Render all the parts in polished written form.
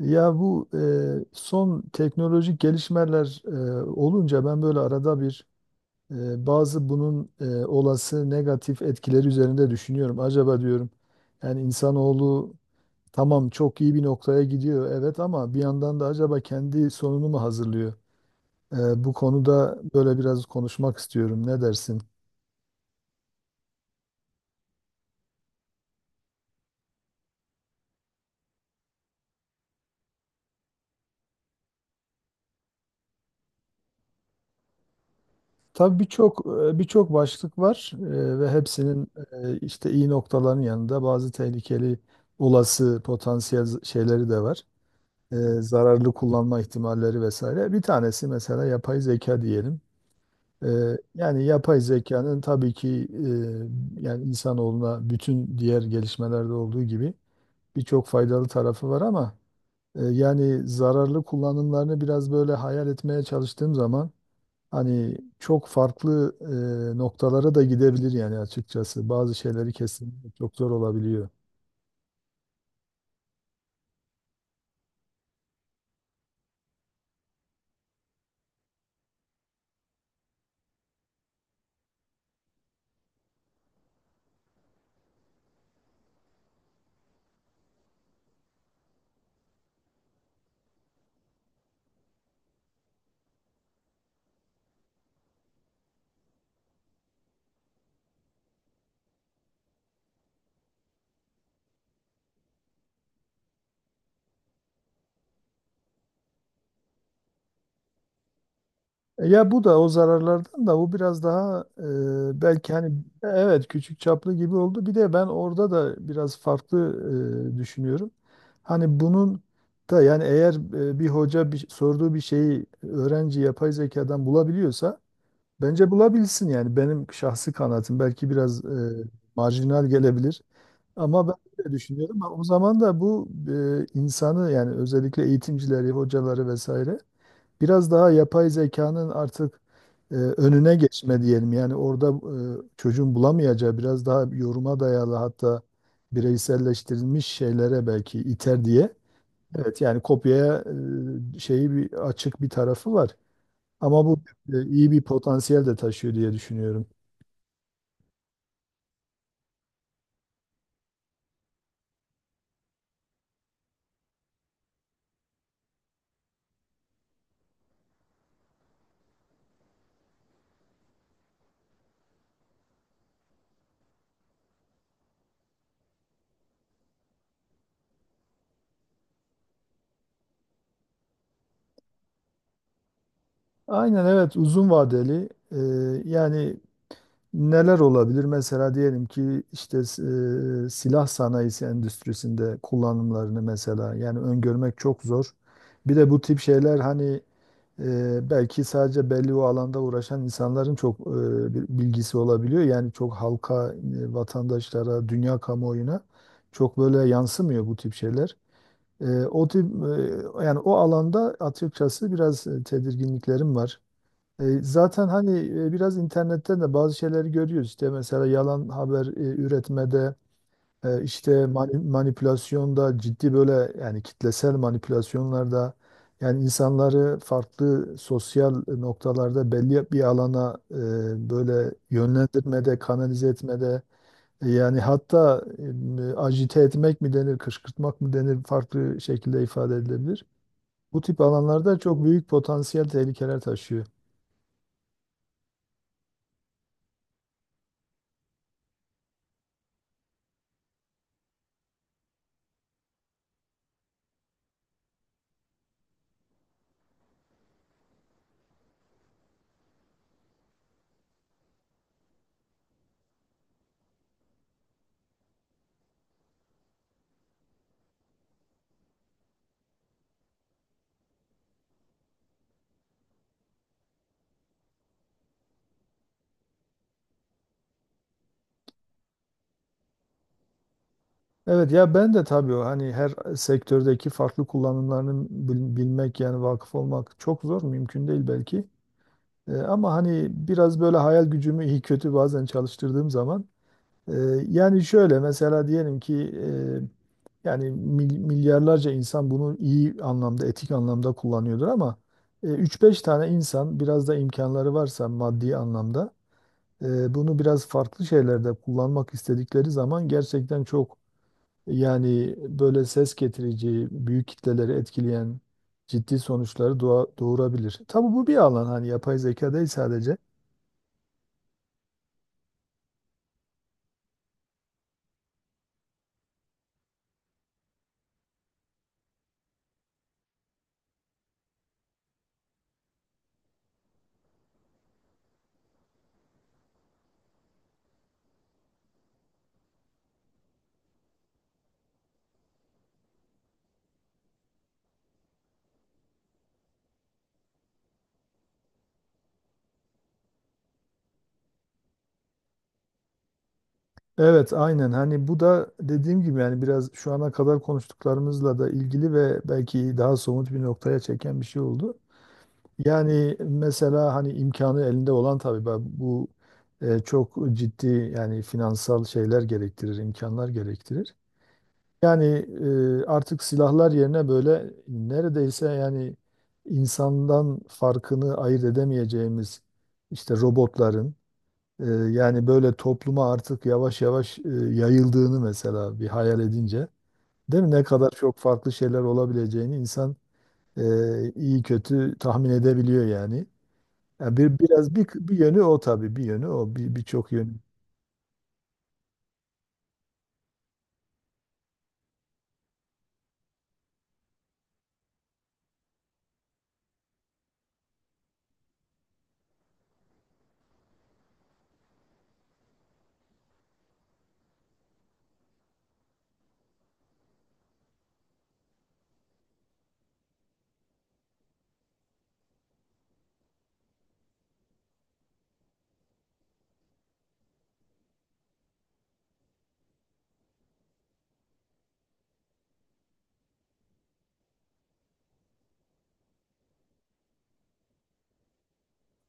Ya bu son teknolojik gelişmeler olunca ben böyle arada bir bazı bunun olası negatif etkileri üzerinde düşünüyorum. Acaba diyorum yani insanoğlu tamam çok iyi bir noktaya gidiyor, evet, ama bir yandan da acaba kendi sonunu mu hazırlıyor? Bu konuda böyle biraz konuşmak istiyorum. Ne dersin? Tabii birçok başlık var, ve hepsinin işte iyi noktaların yanında bazı tehlikeli olası potansiyel şeyleri de var. Zararlı kullanma ihtimalleri vesaire. Bir tanesi mesela yapay zeka diyelim. E, Yani yapay zekanın tabii ki yani insanoğluna bütün diğer gelişmelerde olduğu gibi birçok faydalı tarafı var ama yani zararlı kullanımlarını biraz böyle hayal etmeye çalıştığım zaman hani çok farklı noktalara da gidebilir yani açıkçası. Bazı şeyleri kesinlikle çok zor olabiliyor. Ya bu da o zararlardan, da bu biraz daha belki hani evet küçük çaplı gibi oldu. Bir de ben orada da biraz farklı düşünüyorum. Hani bunun da yani eğer bir hoca sorduğu bir şeyi öğrenci yapay zekadan bulabiliyorsa bence bulabilsin, yani benim şahsi kanaatim belki biraz marjinal gelebilir. Ama ben böyle düşünüyorum. Ama o zaman da bu insanı, yani özellikle eğitimcileri, hocaları vesaire biraz daha yapay zekanın artık önüne geçme diyelim. Yani orada çocuğun bulamayacağı biraz daha yoruma dayalı, hatta bireyselleştirilmiş şeylere belki iter diye. Evet, yani kopyaya şeyi bir açık bir tarafı var. Ama bu iyi bir potansiyel de taşıyor diye düşünüyorum. Aynen evet, uzun vadeli yani neler olabilir? Mesela diyelim ki işte silah sanayisi endüstrisinde kullanımlarını mesela yani öngörmek çok zor. Bir de bu tip şeyler hani belki sadece belli o alanda uğraşan insanların çok bir bilgisi olabiliyor. Yani çok halka, vatandaşlara, dünya kamuoyuna çok böyle yansımıyor bu tip şeyler. O tip yani o alanda açıkçası biraz tedirginliklerim var. Zaten hani biraz internetten de bazı şeyleri görüyoruz. İşte mesela yalan haber üretmede, işte manipülasyonda, ciddi böyle yani kitlesel manipülasyonlarda, yani insanları farklı sosyal noktalarda belli bir alana böyle yönlendirmede, kanalize etmede, yani hatta agite etmek mi denir, kışkırtmak mı denir, farklı şekilde ifade edilebilir. Bu tip alanlarda çok büyük potansiyel tehlikeler taşıyor. Evet, ya ben de tabii o hani her sektördeki farklı kullanımlarını bilmek, yani vakıf olmak çok zor, mümkün değil belki. Ama hani biraz böyle hayal gücümü iyi kötü bazen çalıştırdığım zaman e, yani şöyle mesela diyelim ki yani milyarlarca insan bunu iyi anlamda, etik anlamda kullanıyordur, ama 3-5 tane insan biraz da imkanları varsa maddi anlamda bunu biraz farklı şeylerde kullanmak istedikleri zaman gerçekten çok yani böyle ses getirici, büyük kitleleri etkileyen ciddi sonuçları doğurabilir. Tabii bu bir alan, hani yapay zeka değil sadece. Evet aynen, hani bu da dediğim gibi yani biraz şu ana kadar konuştuklarımızla da ilgili ve belki daha somut bir noktaya çeken bir şey oldu. Yani mesela hani imkanı elinde olan, tabii ben bu çok ciddi yani finansal şeyler gerektirir, imkanlar gerektirir. Yani artık silahlar yerine böyle neredeyse yani insandan farkını ayırt edemeyeceğimiz işte robotların e, yani böyle topluma artık yavaş yavaş yayıldığını mesela bir hayal edince, değil mi? Ne kadar çok farklı şeyler olabileceğini insan iyi kötü tahmin edebiliyor yani. Yani bir biraz bir yönü o, tabii bir yönü o, birçok yönü.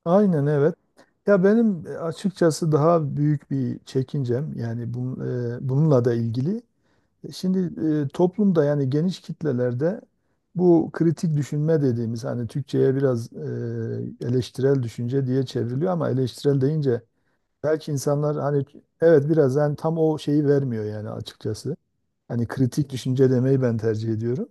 Aynen evet. Ya benim açıkçası daha büyük bir çekincem yani bununla da ilgili. Şimdi toplumda, yani geniş kitlelerde, bu kritik düşünme dediğimiz, hani Türkçe'ye biraz eleştirel düşünce diye çevriliyor ama eleştirel deyince belki insanlar hani, evet, biraz yani tam o şeyi vermiyor yani açıkçası. Hani kritik düşünce demeyi ben tercih ediyorum.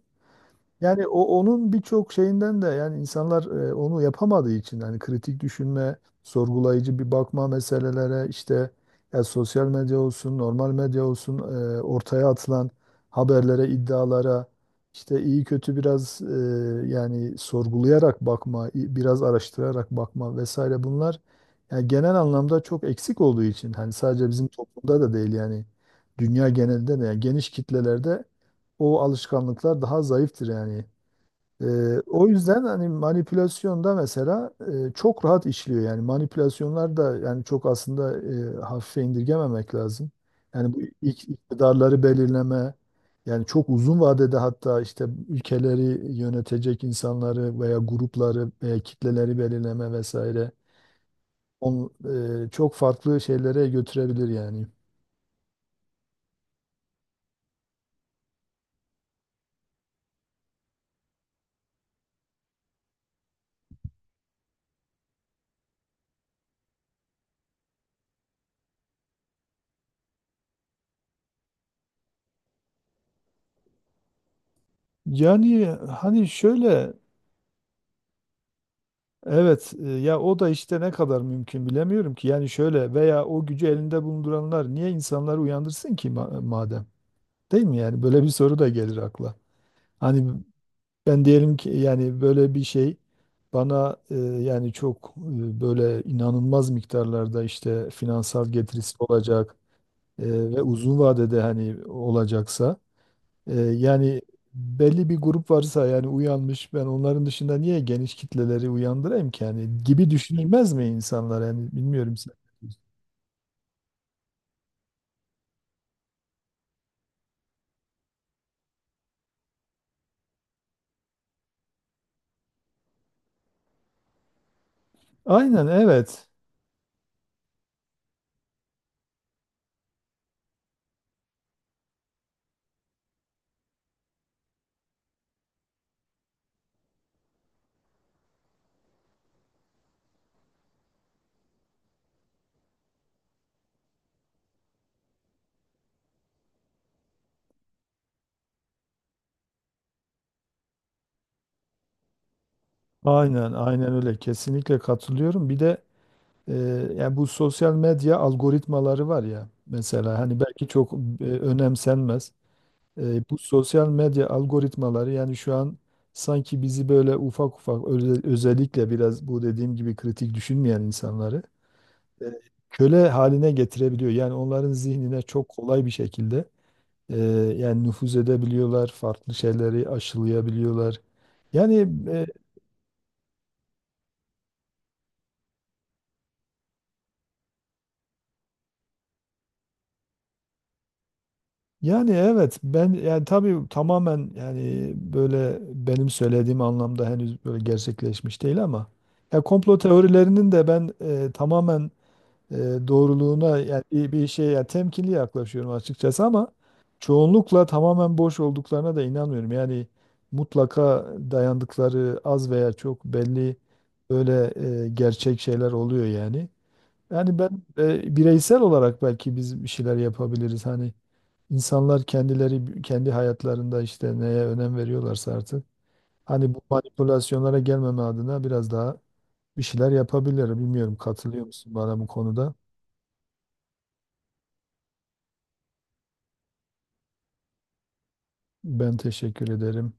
Yani o onun birçok şeyinden de, yani insanlar onu yapamadığı için, hani kritik düşünme, sorgulayıcı bir bakma meselelere, işte ya sosyal medya olsun, normal medya olsun, ortaya atılan haberlere, iddialara işte iyi kötü biraz yani sorgulayarak bakma, biraz araştırarak bakma vesaire, bunlar yani genel anlamda çok eksik olduğu için, hani sadece bizim toplumda da değil yani, dünya genelinde de yani geniş kitlelerde o alışkanlıklar daha zayıftır yani. Ee, O yüzden hani manipülasyonda mesela çok rahat işliyor yani, manipülasyonlar da yani çok, aslında hafife indirgememek lazım. Yani bu iktidarları belirleme, yani çok uzun vadede, hatta işte ülkeleri yönetecek insanları veya grupları veya kitleleri belirleme vesaire, on, çok farklı şeylere götürebilir yani. Yani hani şöyle. Evet, ya o da işte ne kadar mümkün bilemiyorum ki. Yani şöyle, veya o gücü elinde bulunduranlar niye insanları uyandırsın ki, madem? Değil mi yani? Böyle bir soru da gelir akla. Hani ben diyelim ki yani böyle bir şey bana yani çok böyle inanılmaz miktarlarda işte finansal getirisi olacak, ve uzun vadede hani olacaksa, yani belli bir grup varsa yani uyanmış, ben onların dışında niye geniş kitleleri uyandırayım ki yani, gibi düşünülmez mi insanlar yani, bilmiyorum sen. Aynen evet. Aynen aynen öyle, kesinlikle katılıyorum. Bir de e, yani bu sosyal medya algoritmaları var ya, mesela hani belki çok önemsenmez. Bu sosyal medya algoritmaları yani şu an sanki bizi böyle ufak ufak özellikle, biraz bu dediğim gibi kritik düşünmeyen insanları e, köle haline getirebiliyor. Yani onların zihnine çok kolay bir şekilde e, yani nüfuz edebiliyorlar, farklı şeyleri aşılayabiliyorlar. Yani e, yani evet ben yani tabii tamamen, yani böyle benim söylediğim anlamda henüz böyle gerçekleşmiş değil ama, ya komplo teorilerinin de ben tamamen e, doğruluğuna yani bir şeye yani temkinli yaklaşıyorum açıkçası, ama çoğunlukla tamamen boş olduklarına da inanmıyorum. Yani mutlaka dayandıkları az veya çok belli böyle gerçek şeyler oluyor yani. Yani ben bireysel olarak belki biz bir şeyler yapabiliriz. Hani insanlar kendileri kendi hayatlarında işte neye önem veriyorlarsa artık, hani bu manipülasyonlara gelmeme adına biraz daha bir şeyler yapabilir. Bilmiyorum, katılıyor musun bana bu konuda? Ben teşekkür ederim.